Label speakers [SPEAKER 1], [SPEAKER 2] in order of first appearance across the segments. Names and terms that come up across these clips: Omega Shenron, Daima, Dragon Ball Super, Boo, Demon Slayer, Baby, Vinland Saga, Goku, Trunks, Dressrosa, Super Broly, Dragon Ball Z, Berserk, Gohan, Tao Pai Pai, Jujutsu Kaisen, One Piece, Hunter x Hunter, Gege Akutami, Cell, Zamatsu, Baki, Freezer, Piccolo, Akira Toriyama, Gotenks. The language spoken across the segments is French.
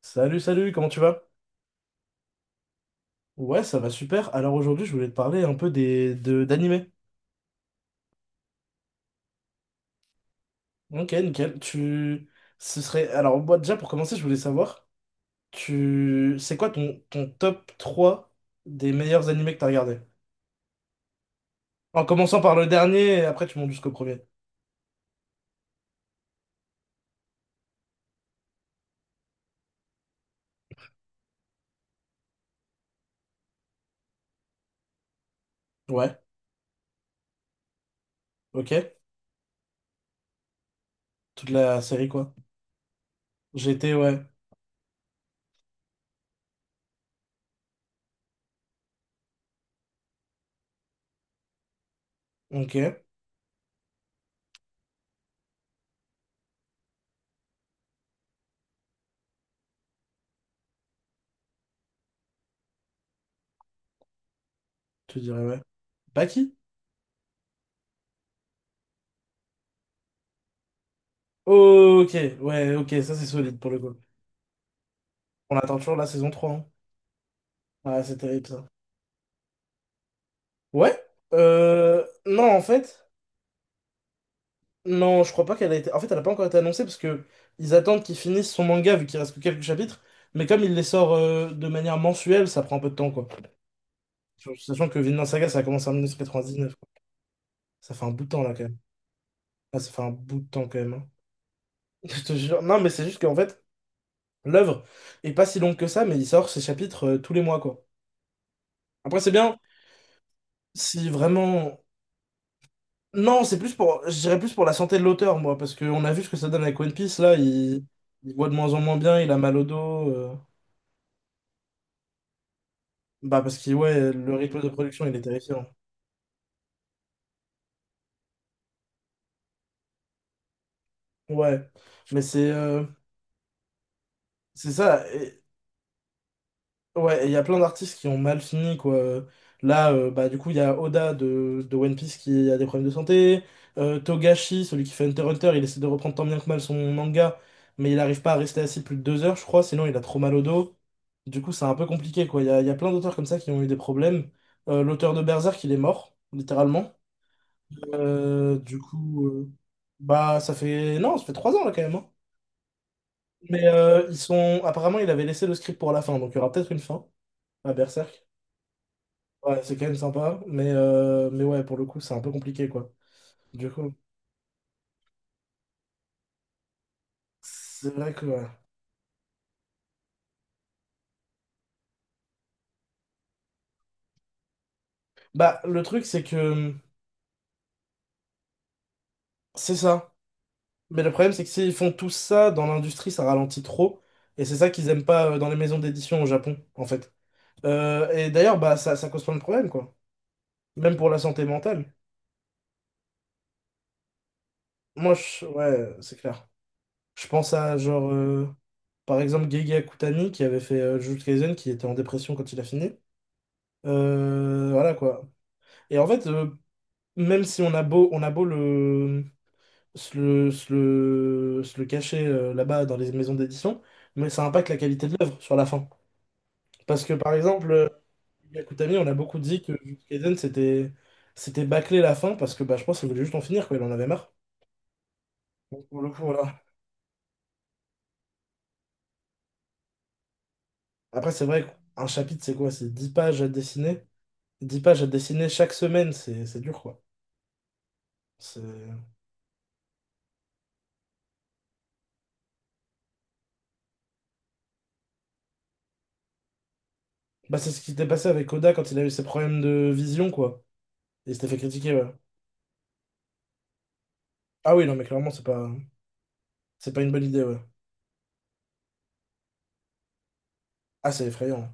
[SPEAKER 1] Salut, salut, comment tu vas? Ouais, ça va super. Alors aujourd'hui, je voulais te parler un peu des de d'animés. Ok, nickel. Tu ce serait alors moi déjà pour commencer, je voulais savoir tu c'est quoi ton top 3 des meilleurs animés que t'as regardé? En commençant par le dernier et après tu montes jusqu'au premier. Ouais, ok. Toute la série quoi. J'étais ouais. Ok, tu dirais ouais. Baki? Ok, ouais, ok, ça c'est solide pour le coup. On attend toujours la saison trois, hein. Ouais, c'est terrible ça. Ouais. Non, en fait, non, je crois pas qu'elle a été. En fait, elle a pas encore été annoncée parce que ils attendent qu'il finisse son manga vu qu'il reste que quelques chapitres. Mais comme il les sort de manière mensuelle, ça prend un peu de temps, quoi. Sachant que Vinland Saga, ça a commencé en 1999, quoi. Ça fait un bout de temps, là, quand même. Ah, ça fait un bout de temps, quand même, hein. Je te jure. Non, mais c'est juste qu'en fait, l'œuvre est pas si longue que ça, mais il sort ses chapitres tous les mois, quoi. Après, c'est bien si vraiment. Non, c'est plus pour, je dirais plus pour la santé de l'auteur, moi, parce qu'on a vu ce que ça donne avec One Piece, là, il voit de moins en moins bien, il a mal au dos, bah parce que, ouais, le rythme de production, il est terrifiant. Ouais, mais c'est ça. Ouais, et il y a plein d'artistes qui ont mal fini, quoi. Là, bah, du coup, il y a Oda de One Piece qui a des problèmes de santé. Togashi, celui qui fait Hunter x Hunter, il essaie de reprendre tant bien que mal son manga, mais il n'arrive pas à rester assis plus de 2 heures, je crois, sinon il a trop mal au dos. Du coup, c'est un peu compliqué, quoi. Il y a plein d'auteurs comme ça qui ont eu des problèmes. L'auteur de Berserk, il est mort, littéralement. Du coup, bah, Non, ça fait 3 ans, là, quand même, hein. Mais apparemment, il avait laissé le script pour la fin, donc il y aura peut-être une fin à Berserk. Ouais, c'est quand même sympa, mais ouais, pour le coup, c'est un peu compliqué, quoi. Du coup, c'est vrai que... ouais. Bah, le truc, c'est que c'est ça. Mais le problème, c'est que s'ils font tout ça dans l'industrie, ça ralentit trop. Et c'est ça qu'ils aiment pas, dans les maisons d'édition au Japon, en fait. Et d'ailleurs, bah, ça cause plein de problèmes, quoi. Même pour la santé mentale. Moi, je... ouais, c'est clair. Je pense à, genre, par exemple, Gege Akutami, qui avait fait Jujutsu Kaisen, qui était en dépression quand il a fini. Voilà, quoi. Et en fait, même si on a beau, se le cacher là-bas dans les maisons d'édition, mais ça impacte la qualité de l'œuvre sur la fin. Parce que par exemple, Yukutami, on a beaucoup dit que Jujutsu Kaisen c'était bâclé la fin parce que bah, je pense qu'il voulait juste en finir, quoi, il en avait marre. Donc, pour le coup, voilà. Après, c'est vrai qu'un chapitre, c'est quoi? C'est 10 pages à dessiner. 10 pages à dessiner chaque semaine, c'est dur, quoi. C'est bah, c'est ce qui s'était passé avec Oda quand il a eu ses problèmes de vision, quoi. Et il s'était fait critiquer, ouais. Ah oui, non, mais clairement, c'est pas. C'est pas une bonne idée, ouais. Ah, c'est effrayant.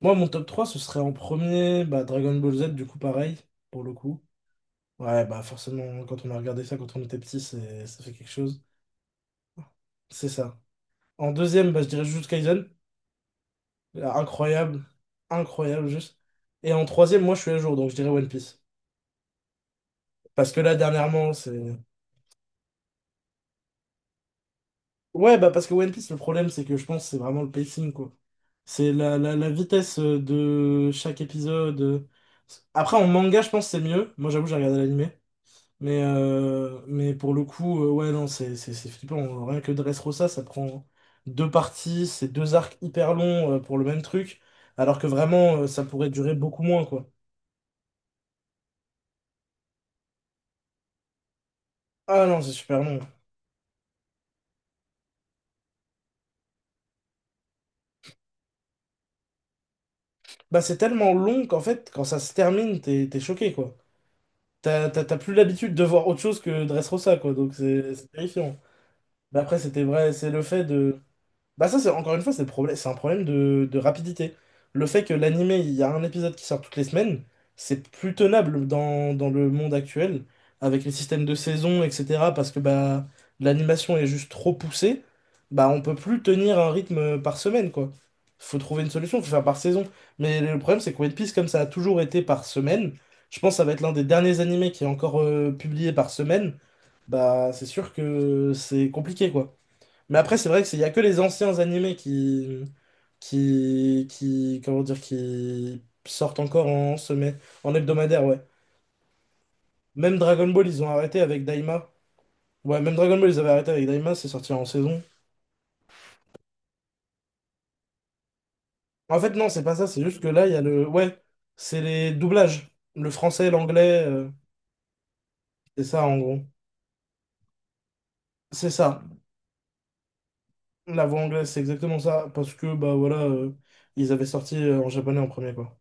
[SPEAKER 1] Moi, mon top 3 ce serait en premier bah, Dragon Ball Z, du coup, pareil, pour le coup. Ouais, bah forcément, quand on a regardé ça quand on était petit, ça fait quelque chose. C'est ça. En deuxième, bah, je dirais Jujutsu Kaisen. Incroyable. Incroyable, juste. Et en troisième, moi, je suis à jour, donc je dirais One Piece. Parce que là, dernièrement, c'est. Ouais, bah parce que One Piece, le problème, c'est que je pense que c'est vraiment le pacing, quoi. C'est la vitesse de chaque épisode. Après, en manga, je pense que c'est mieux. Moi, j'avoue, j'ai regardé l'animé. Mais pour le coup, ouais, non, c'est flippant. Rien que Dressrosa, ça prend deux parties, c'est deux arcs hyper longs pour le même truc. Alors que vraiment, ça pourrait durer beaucoup moins, quoi. Ah non, c'est super long. Bah, c'est tellement long qu'en fait, quand ça se termine, t'es choqué, quoi. T'as plus l'habitude de voir autre chose que Dressrosa, quoi, donc c'est terrifiant. Mais après, c'était vrai, c'est le fait de, bah ça, c'est encore une fois, c'est le problème, c'est un problème de rapidité. Le fait que l'anime, il y a un épisode qui sort toutes les semaines, c'est plus tenable dans le monde actuel, avec les systèmes de saison, etc. Parce que bah l'animation est juste trop poussée, bah on peut plus tenir un rythme par semaine, quoi. Faut trouver une solution, faut faire par saison. Mais le problème, c'est que One Piece, comme ça a toujours été par semaine, je pense que ça va être l'un des derniers animés qui est encore publié par semaine, bah c'est sûr que c'est compliqué, quoi. Mais après, c'est vrai que il y a que les anciens animés comment dire, qui sortent encore en semaine, en hebdomadaire, ouais. Même Dragon Ball, ils ont arrêté avec Daima. Ouais, même Dragon Ball, ils avaient arrêté avec Daima, c'est sorti en saison. En fait, non, c'est pas ça, c'est juste que là, il y a le, ouais, c'est les doublages, le français l'anglais, c'est ça en gros. C'est ça, la voix anglaise, c'est exactement ça, parce que bah voilà, ils avaient sorti en japonais en premier, quoi.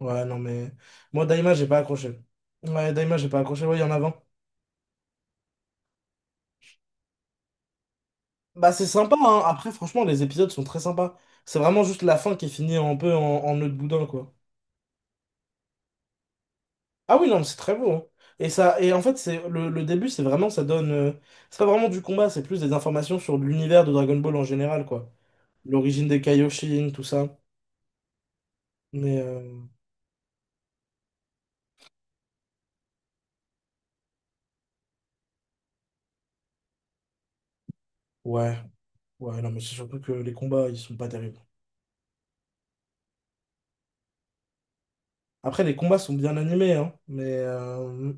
[SPEAKER 1] Ouais, non, mais. Moi, Daima, j'ai pas accroché. Ouais, Daima, j'ai pas accroché. Ouais, il y en a 20. Bah, c'est sympa, hein. Après, franchement, les épisodes sont très sympas. C'est vraiment juste la fin qui est finie un peu en nœud de boudin, quoi. Ah oui, non, mais c'est très beau, hein. Et ça, et en fait, c'est le début, c'est vraiment, ça donne. C'est pas vraiment du combat, c'est plus des informations sur l'univers de Dragon Ball en général, quoi. L'origine des Kaioshin, tout ça. Mais, euh, ouais, ouais, non, mais c'est surtout que les combats, ils sont pas terribles. Après, les combats sont bien animés, hein.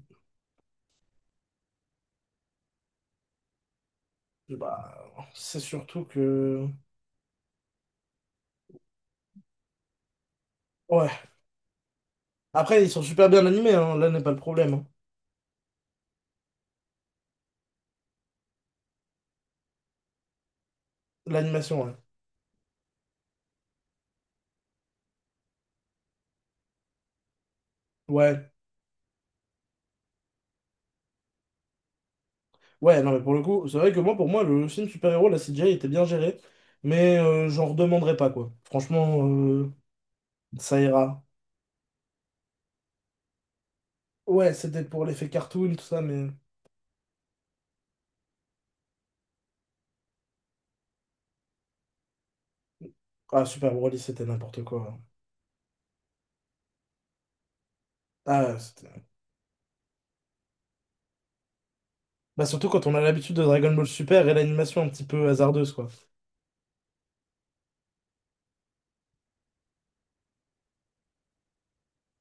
[SPEAKER 1] Bah, c'est surtout que... Ouais. Après, ils sont super bien animés, hein. Là n'est pas le problème, hein. L'animation, ouais. Ouais. Ouais, non, mais pour le coup, c'est vrai que moi, pour moi, le film super-héros, la CGI était bien gérée. Mais j'en redemanderai pas, quoi. Franchement, ça ira. Ouais, c'était pour l'effet cartoon, tout ça, mais... Ah, Super Broly, c'était n'importe quoi, hein. Ah, c'était... Bah, surtout quand on a l'habitude de Dragon Ball Super et l'animation un petit peu hasardeuse, quoi.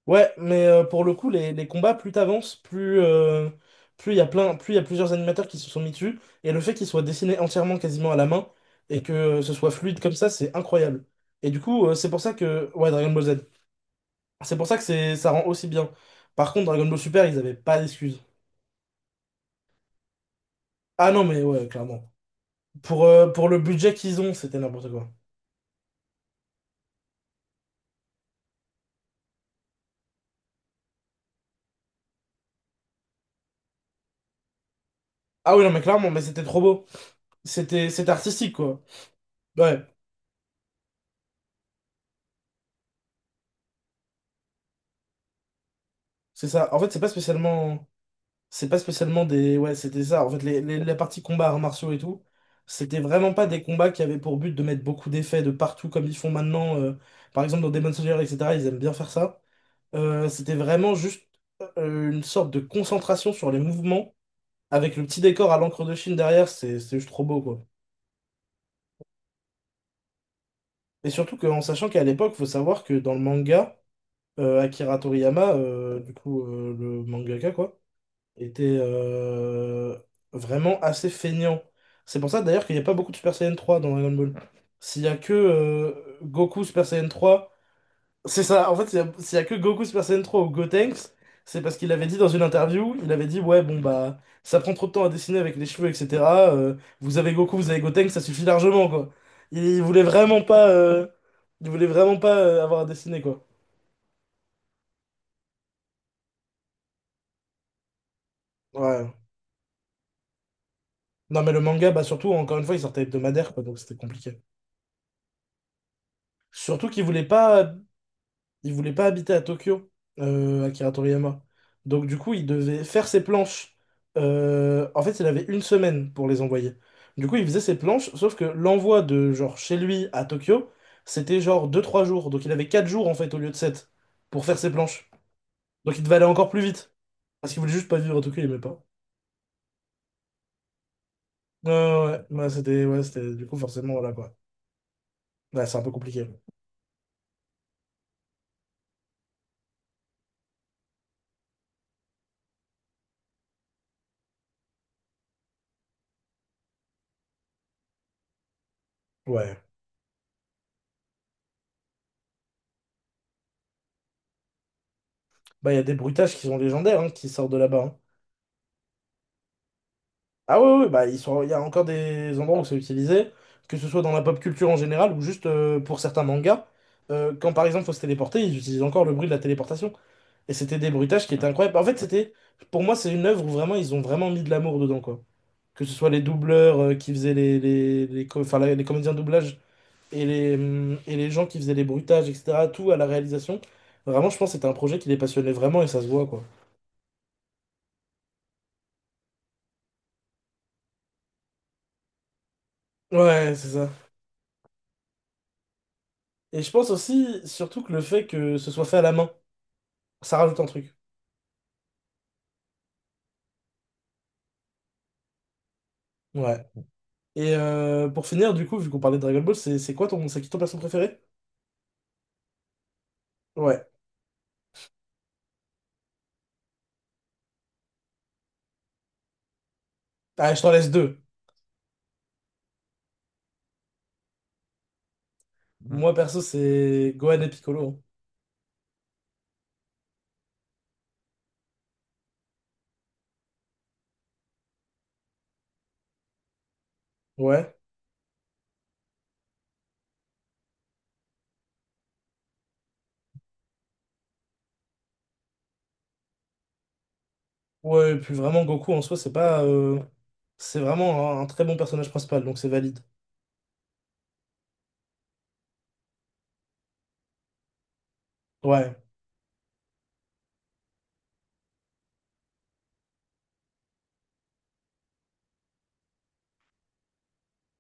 [SPEAKER 1] Ouais, mais pour le coup, les combats, plus t'avances, plus plus il y a plein, plus il y a plusieurs animateurs qui se sont mis dessus. Et le fait qu'ils soient dessinés entièrement quasiment à la main et que ce soit fluide comme ça, c'est incroyable. Et du coup, c'est pour ça que. Ouais, Dragon Ball Z. C'est pour ça que c'est ça rend aussi bien. Par contre, Dragon Ball Super, ils avaient pas d'excuses. Ah non, mais ouais, clairement. Pour le budget qu'ils ont, c'était n'importe quoi. Ah oui, non, mais clairement, mais c'était trop beau. C'était artistique, quoi. Ouais, c'est ça. En fait, c'est pas spécialement. C'est pas spécialement des. Ouais, c'était ça. En fait, la partie combat, arts martiaux et tout, c'était vraiment pas des combats qui avaient pour but de mettre beaucoup d'effets de partout comme ils font maintenant. Par exemple, dans Demon Slayer, etc., ils aiment bien faire ça. C'était vraiment juste une sorte de concentration sur les mouvements avec le petit décor à l'encre de Chine derrière. C'est juste trop beau, quoi. Et surtout qu'en sachant qu'à l'époque, faut savoir que dans le manga, Akira Toriyama, du coup, le mangaka, quoi, était vraiment assez feignant. C'est pour ça d'ailleurs qu'il n'y a pas beaucoup de Super Saiyan 3 dans Dragon Ball. S'il y a que Goku Super Saiyan 3, c'est ça, en fait, s'il y a que Goku Super Saiyan 3 ou Gotenks, c'est parce qu'il avait dit dans une interview, il avait dit, ouais, bon, bah, ça prend trop de temps à dessiner avec les cheveux, etc. euh, Vous avez Goku, vous avez Gotenks, ça suffit largement, quoi. Il voulait vraiment pas, il voulait vraiment pas avoir à dessiner, quoi. Ouais. Non, mais le manga, bah, surtout, encore une fois, il sortait hebdomadaire, quoi, donc c'était compliqué. Surtout qu'il voulait pas, il voulait pas habiter à Tokyo, Akira Toriyama. Donc du coup, il devait faire ses planches. En fait, il avait 1 semaine pour les envoyer. Du coup, il faisait ses planches, sauf que l'envoi de genre chez lui à Tokyo, c'était genre 2 3 jours. Donc il avait 4 jours en fait au lieu de 7 pour faire ses planches. Donc il devait aller encore plus vite. Parce qu'il voulait juste pas vivre à Tokyo, il aimait pas. Ouais, ouais, ouais. Ouais, c'était, du coup, forcément, voilà quoi. Ouais, c'est un peu compliqué. Ouais. Bah, il y a des bruitages qui sont légendaires, hein, qui sortent de là-bas, hein. Ah oui, oui, bah, ils sont... il y a encore des endroits où c'est utilisé, que ce soit dans la pop culture en général ou juste pour certains mangas. Quand par exemple faut se téléporter, ils utilisent encore le bruit de la téléportation. Et c'était des bruitages qui étaient incroyables. En fait, pour moi, c'est une œuvre où vraiment ils ont vraiment mis de l'amour dedans, quoi. Que ce soit les doubleurs qui faisaient enfin, les comédiens de doublage et et les gens qui faisaient les bruitages, etc., tout à la réalisation. Vraiment, je pense que c'était un projet qui les passionnait vraiment et ça se voit, quoi. Ouais, c'est ça. Et je pense aussi, surtout que le fait que ce soit fait à la main. Ça rajoute un truc. Ouais. Et pour finir, du coup, vu qu'on parlait de Dragon Ball, c'est quoi ton, c'est qui ton perso préféré? Ouais. Ah, je t'en laisse deux. Mhm. Moi, perso, c'est Gohan et Piccolo, hein. Ouais. Ouais, et puis vraiment, Goku en soi, c'est pas, c'est vraiment un très bon personnage principal, donc c'est valide. Ouais.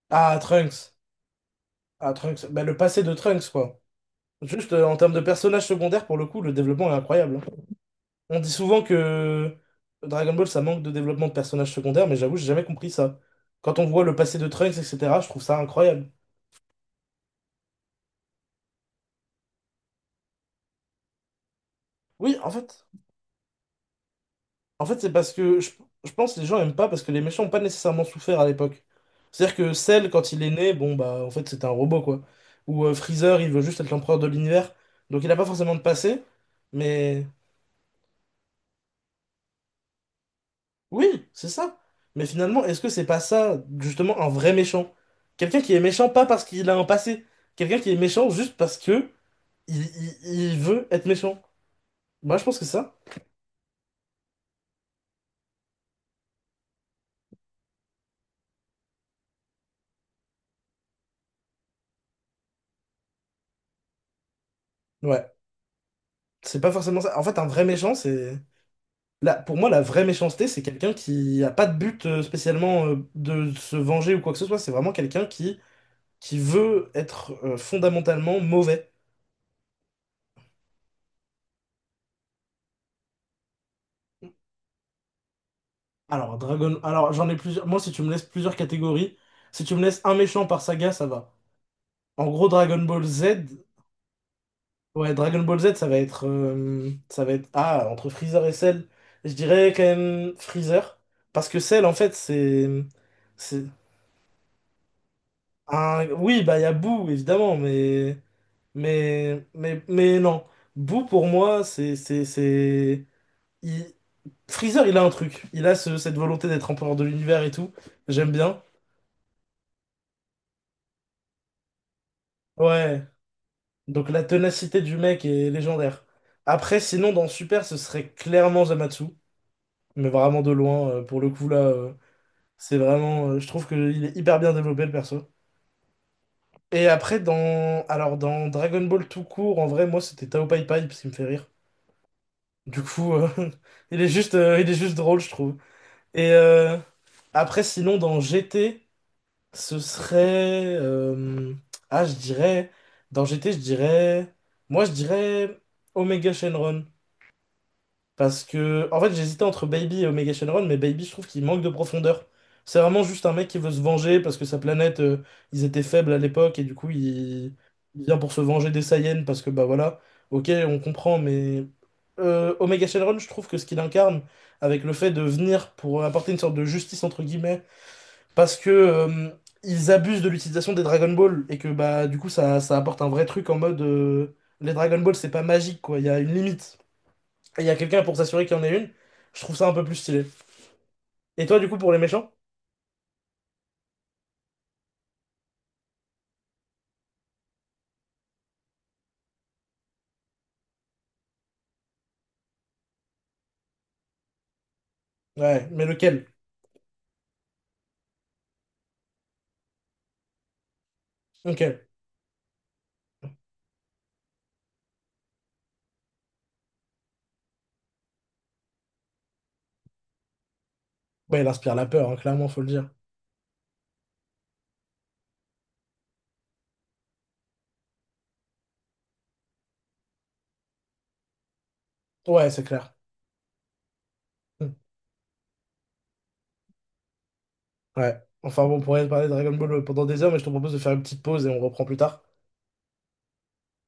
[SPEAKER 1] Ah, Trunks. Ah, Trunks. Bah, le passé de Trunks, quoi. Juste en termes de personnage secondaire, pour le coup, le développement est incroyable, hein. On dit souvent que Dragon Ball, ça manque de développement de personnages secondaires, mais j'avoue, j'ai jamais compris ça. Quand on voit le passé de Trunks, etc., je trouve ça incroyable. Oui, en fait, c'est parce que je pense que les gens aiment pas parce que les méchants n'ont pas nécessairement souffert à l'époque. C'est-à-dire que Cell, quand il est né, bon, bah, en fait, c'était un robot, quoi. Ou Freezer, il veut juste être l'empereur de l'univers, donc il n'a pas forcément de passé, mais oui, c'est ça. Mais finalement, est-ce que c'est pas ça, justement, un vrai méchant? Quelqu'un qui est méchant pas parce qu'il a un passé, quelqu'un qui est méchant juste parce que il, il veut être méchant. Moi, je pense que ça. Ouais. C'est pas forcément ça. En fait, un vrai méchant, c'est. Là, pour moi, la vraie méchanceté, c'est quelqu'un qui a pas de but spécialement de se venger ou quoi que ce soit. C'est vraiment qui veut être fondamentalement mauvais. Alors, Dragon. Alors, j'en ai plusieurs. Moi, si tu me laisses plusieurs catégories, si tu me laisses un méchant par saga, ça va. En gros, Dragon Ball Z, ouais, Dragon Ball Z, ça va être, ah, entre Freezer et Cell, je dirais quand même Freezer, parce que Cell, en fait, c'est un, oui, bah, il y a Boo, évidemment, mais non, Boo, pour moi, c'est, il- Freezer, il a un truc, il a cette volonté d'être empereur de l'univers et tout, j'aime bien, ouais, donc la ténacité du mec est légendaire. Après, sinon, dans Super, ce serait clairement Zamatsu, mais vraiment de loin, pour le coup, là... c'est vraiment, je trouve qu'il est hyper bien développé le perso. Et après, alors, dans Dragon Ball tout court, en vrai, moi c'était Tao Pai Pai parce qu'il me fait rire. Du coup, il est juste drôle, je trouve. Et après, sinon, dans GT, ce serait, je dirais. Dans GT, je dirais. Moi, je dirais Omega Shenron. Parce que, en fait, j'hésitais entre Baby et Omega Shenron, mais Baby, je trouve qu'il manque de profondeur. C'est vraiment juste un mec qui veut se venger parce que sa planète, ils étaient faibles à l'époque et du coup, il vient pour se venger des Saiyans parce que, bah voilà, ok, on comprend, mais Omega Shenron, je trouve que ce qu'il incarne, avec le fait de venir pour apporter une sorte de justice, entre guillemets, parce que ils abusent de l'utilisation des Dragon Ball et que, bah, du coup, ça apporte un vrai truc en mode les Dragon Ball, c'est pas magique, quoi, il y a une limite et il y a quelqu'un pour s'assurer qu'il y en ait une, je trouve ça un peu plus stylé. Et toi, du coup, pour les méchants? Ouais, mais lequel? Ok. Ouais, il inspire la peur, hein, clairement, faut le dire. Ouais, c'est clair. Hmm. Ouais. Enfin bon, on pourrait parler de Dragon Ball pendant des heures, mais je te propose de faire une petite pause et on reprend plus tard.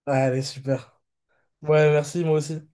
[SPEAKER 1] Allez, super. Ouais, merci, moi aussi.